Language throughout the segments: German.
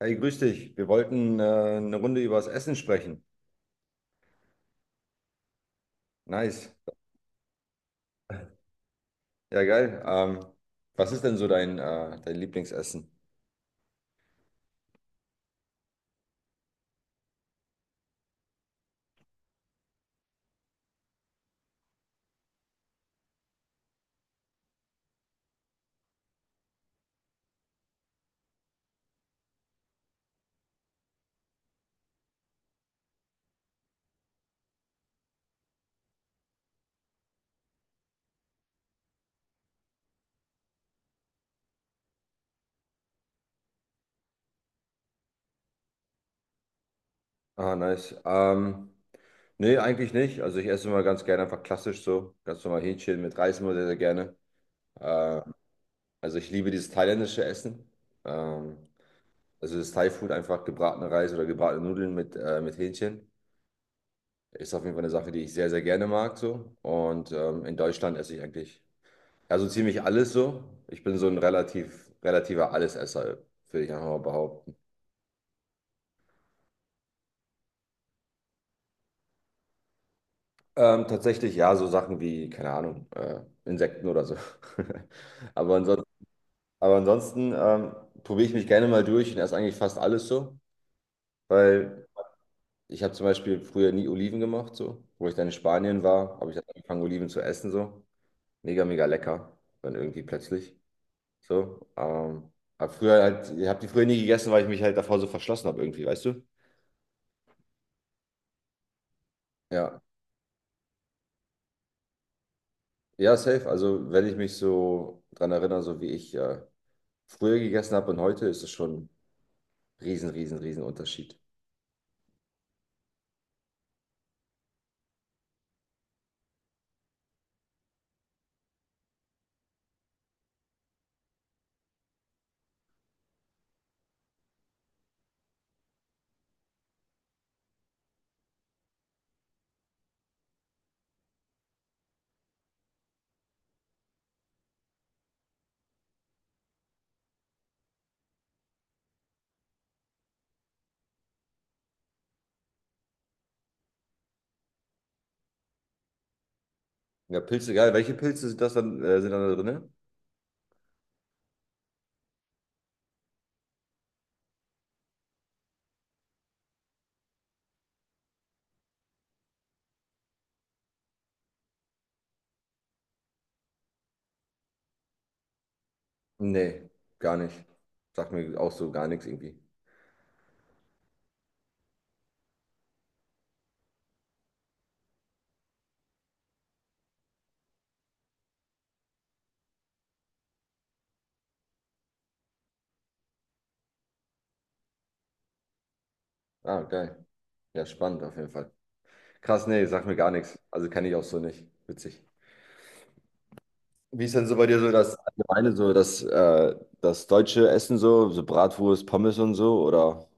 Hey, grüß dich. Wir wollten eine Runde über das Essen sprechen. Nice. Ja, geil. Was ist denn so dein, dein Lieblingsessen? Ah, nice. Nee, eigentlich nicht. Also ich esse immer ganz gerne einfach klassisch so. Ganz normal Hähnchen mit Reis immer sehr, sehr gerne. Ähm, also ich liebe dieses thailändische Essen. Ähm, also das Thai-Food, einfach gebratene Reis oder gebratene Nudeln mit Hähnchen. Ist auf jeden Fall eine Sache, die ich sehr, sehr gerne mag, so. Und in Deutschland esse ich eigentlich, also ziemlich alles so. Ich bin so ein relativer Allesesser, würde ich einfach mal behaupten. Tatsächlich, ja, so Sachen wie, keine Ahnung, Insekten oder so. Aber ansonsten, aber ansonsten probiere ich mich gerne mal durch und esse eigentlich fast alles so, weil ich habe zum Beispiel früher nie Oliven gemacht, so. Wo ich dann in Spanien war, habe ich dann angefangen, Oliven zu essen, so. Mega, mega lecker, dann irgendwie plötzlich. So, ich habe die früher nie gegessen, weil ich mich halt davor so verschlossen habe irgendwie, weißt du? Ja, ja, safe. Also wenn ich mich so dran erinnere, so wie ich früher gegessen habe und heute, ist es schon riesen, riesen, riesen Unterschied. Ja, Pilze, geil. Welche Pilze sind das dann, sind dann da drin? Nee, gar nicht. Sagt mir auch so gar nichts irgendwie. Ah, geil. Ja, spannend auf jeden Fall. Krass, nee, sagt mir gar nichts. Also kenne ich auch so nicht. Witzig. Wie ist denn so bei dir so das allgemeine, so das deutsche Essen so, so Bratwurst, Pommes und so, oder?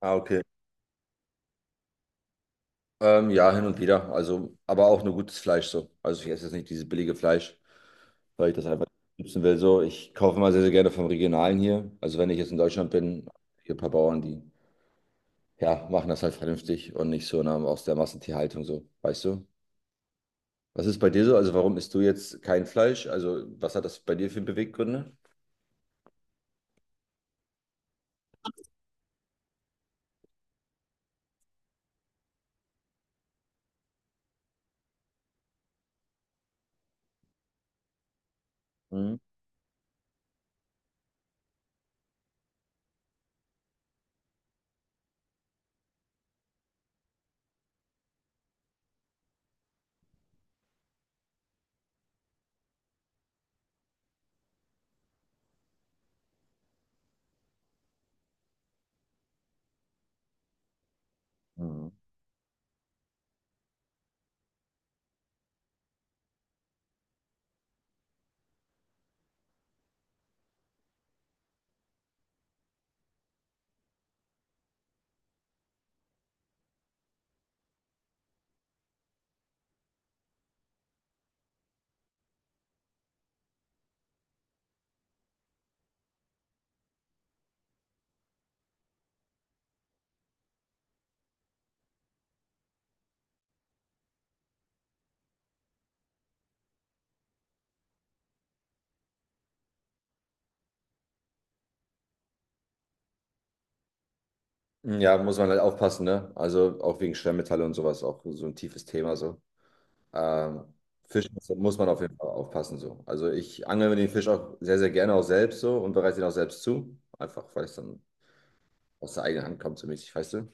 Ah, okay. Ja, hin und wieder. Also, aber auch nur gutes Fleisch so. Also ich esse jetzt nicht dieses billige Fleisch, weil ich das einfach nicht nutzen will. So, ich kaufe immer sehr, sehr gerne vom Regionalen hier. Also wenn ich jetzt in Deutschland bin, hier ein paar Bauern, die ja, machen das halt vernünftig und nicht so in aus der Massentierhaltung so, weißt du? Was ist bei dir so? Also warum isst du jetzt kein Fleisch? Also was hat das bei dir für Beweggründe? Mhm. Ja, muss man halt aufpassen, ne? Also auch wegen Schwermetalle und sowas, auch so ein tiefes Thema so. Ähm, Fisch muss man auf jeden Fall aufpassen so. Also ich angel mir den Fisch auch sehr, sehr gerne auch selbst so und bereite ihn auch selbst zu. Einfach, weil es dann aus der eigenen Hand kommt so mäßig, weißt du?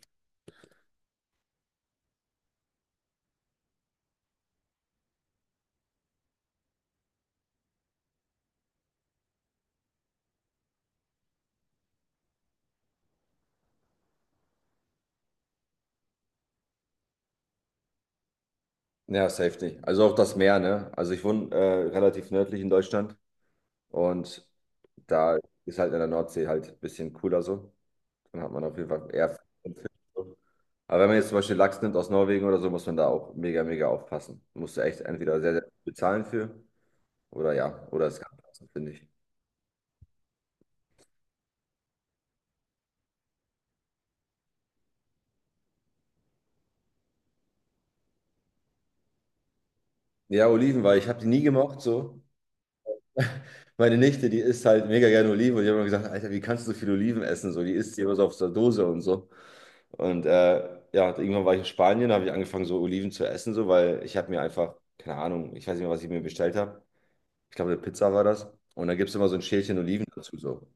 Ja, safe nicht. Also auch das Meer, ne? Also ich wohne relativ nördlich in Deutschland und da ist halt in der Nordsee halt ein bisschen cooler so. Dann hat man auf jeden Fall eher Fisch und Fisch. Aber wenn man jetzt zum Beispiel Lachs nimmt aus Norwegen oder so, muss man da auch mega, mega aufpassen. Musst du echt entweder sehr, sehr viel bezahlen für oder ja, oder es kann passen, finde ich. Ja, Oliven, weil ich habe die nie gemocht so. Meine Nichte, die isst halt mega gerne Oliven und ich habe immer gesagt, Alter, wie kannst du so viel Oliven essen? So, die isst die immer so auf der Dose und so. Und ja, irgendwann war ich in Spanien, da habe ich angefangen, so Oliven zu essen, so, weil ich habe mir einfach, keine Ahnung, ich weiß nicht mehr, was ich mir bestellt habe. Ich glaube, eine Pizza war das. Und dann gibt es immer so ein Schälchen Oliven dazu so.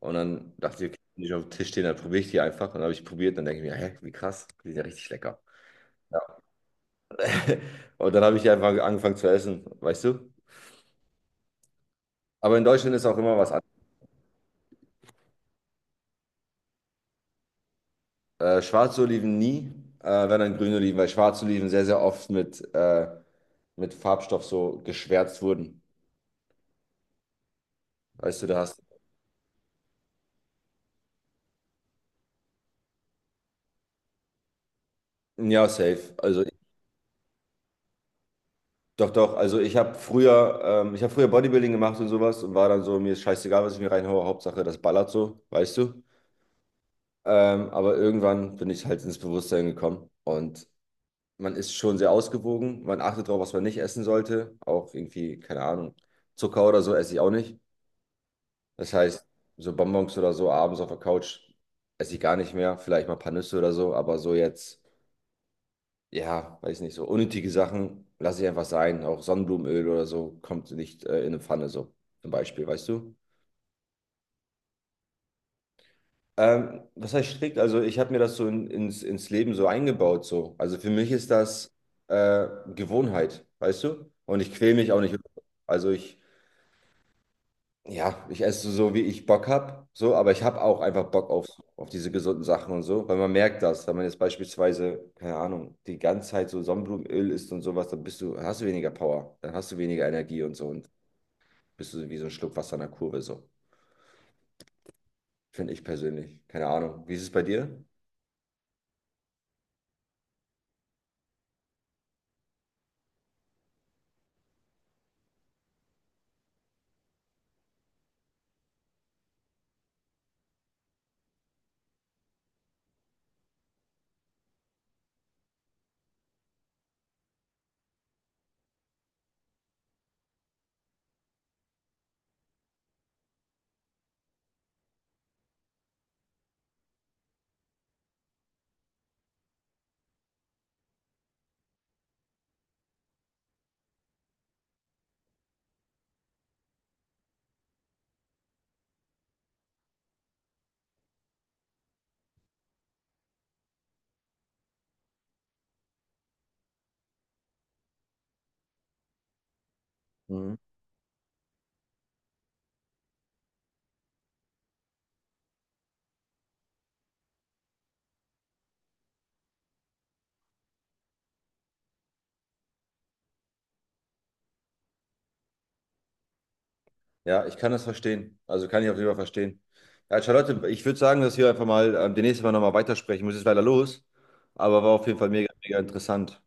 Und dann dachte ich, okay, die nicht auf dem Tisch stehen, dann probiere ich die einfach. Und dann habe ich probiert, dann denke ich mir, hä, wie krass, die sind ja richtig lecker. Ja. Und dann habe ich die einfach angefangen zu essen, weißt du? Aber in Deutschland ist auch immer was anderes. Schwarze Oliven nie, wenn dann grüne Oliven, weil schwarze Oliven sehr, sehr oft mit Farbstoff so geschwärzt wurden. Weißt du, da hast. Ja, safe. Also. Doch, doch. Also ich habe früher Bodybuilding gemacht und sowas und war dann so, mir ist scheißegal, was ich mir reinhaue, Hauptsache das ballert so, weißt du. Aber irgendwann bin ich halt ins Bewusstsein gekommen und man ist schon sehr ausgewogen. Man achtet darauf, was man nicht essen sollte. Auch irgendwie, keine Ahnung, Zucker oder so esse ich auch nicht. Das heißt, so Bonbons oder so abends auf der Couch esse ich gar nicht mehr. Vielleicht mal ein paar Nüsse oder so, aber so jetzt. Ja, weiß nicht so. Unnötige Sachen lasse ich einfach sein. Auch Sonnenblumenöl oder so kommt nicht in eine Pfanne, so zum Beispiel, weißt du? Was heißt strikt? Also, ich habe mir das so ins Leben so eingebaut, so. Also, für mich ist das äh, Gewohnheit, weißt du? Und ich quäle mich auch nicht. Also, ich. Ja, ich esse so, wie ich Bock habe, so, aber ich habe auch einfach Bock auf diese gesunden Sachen und so, weil man merkt das, wenn man jetzt beispielsweise, keine Ahnung, die ganze Zeit so Sonnenblumenöl isst und sowas, dann bist du, hast du weniger Power, dann hast du weniger Energie und so und bist du wie so ein Schluck Wasser in der Kurve, so, finde ich persönlich. Keine Ahnung. Wie ist es bei dir? Mhm. Ja, ich kann das verstehen. Also kann ich auf jeden Fall verstehen. Ja, Charlotte, ich würde sagen, dass wir einfach mal demnächst mal nochmal weitersprechen. Ich muss jetzt leider los, aber war auf jeden Fall mega, mega interessant.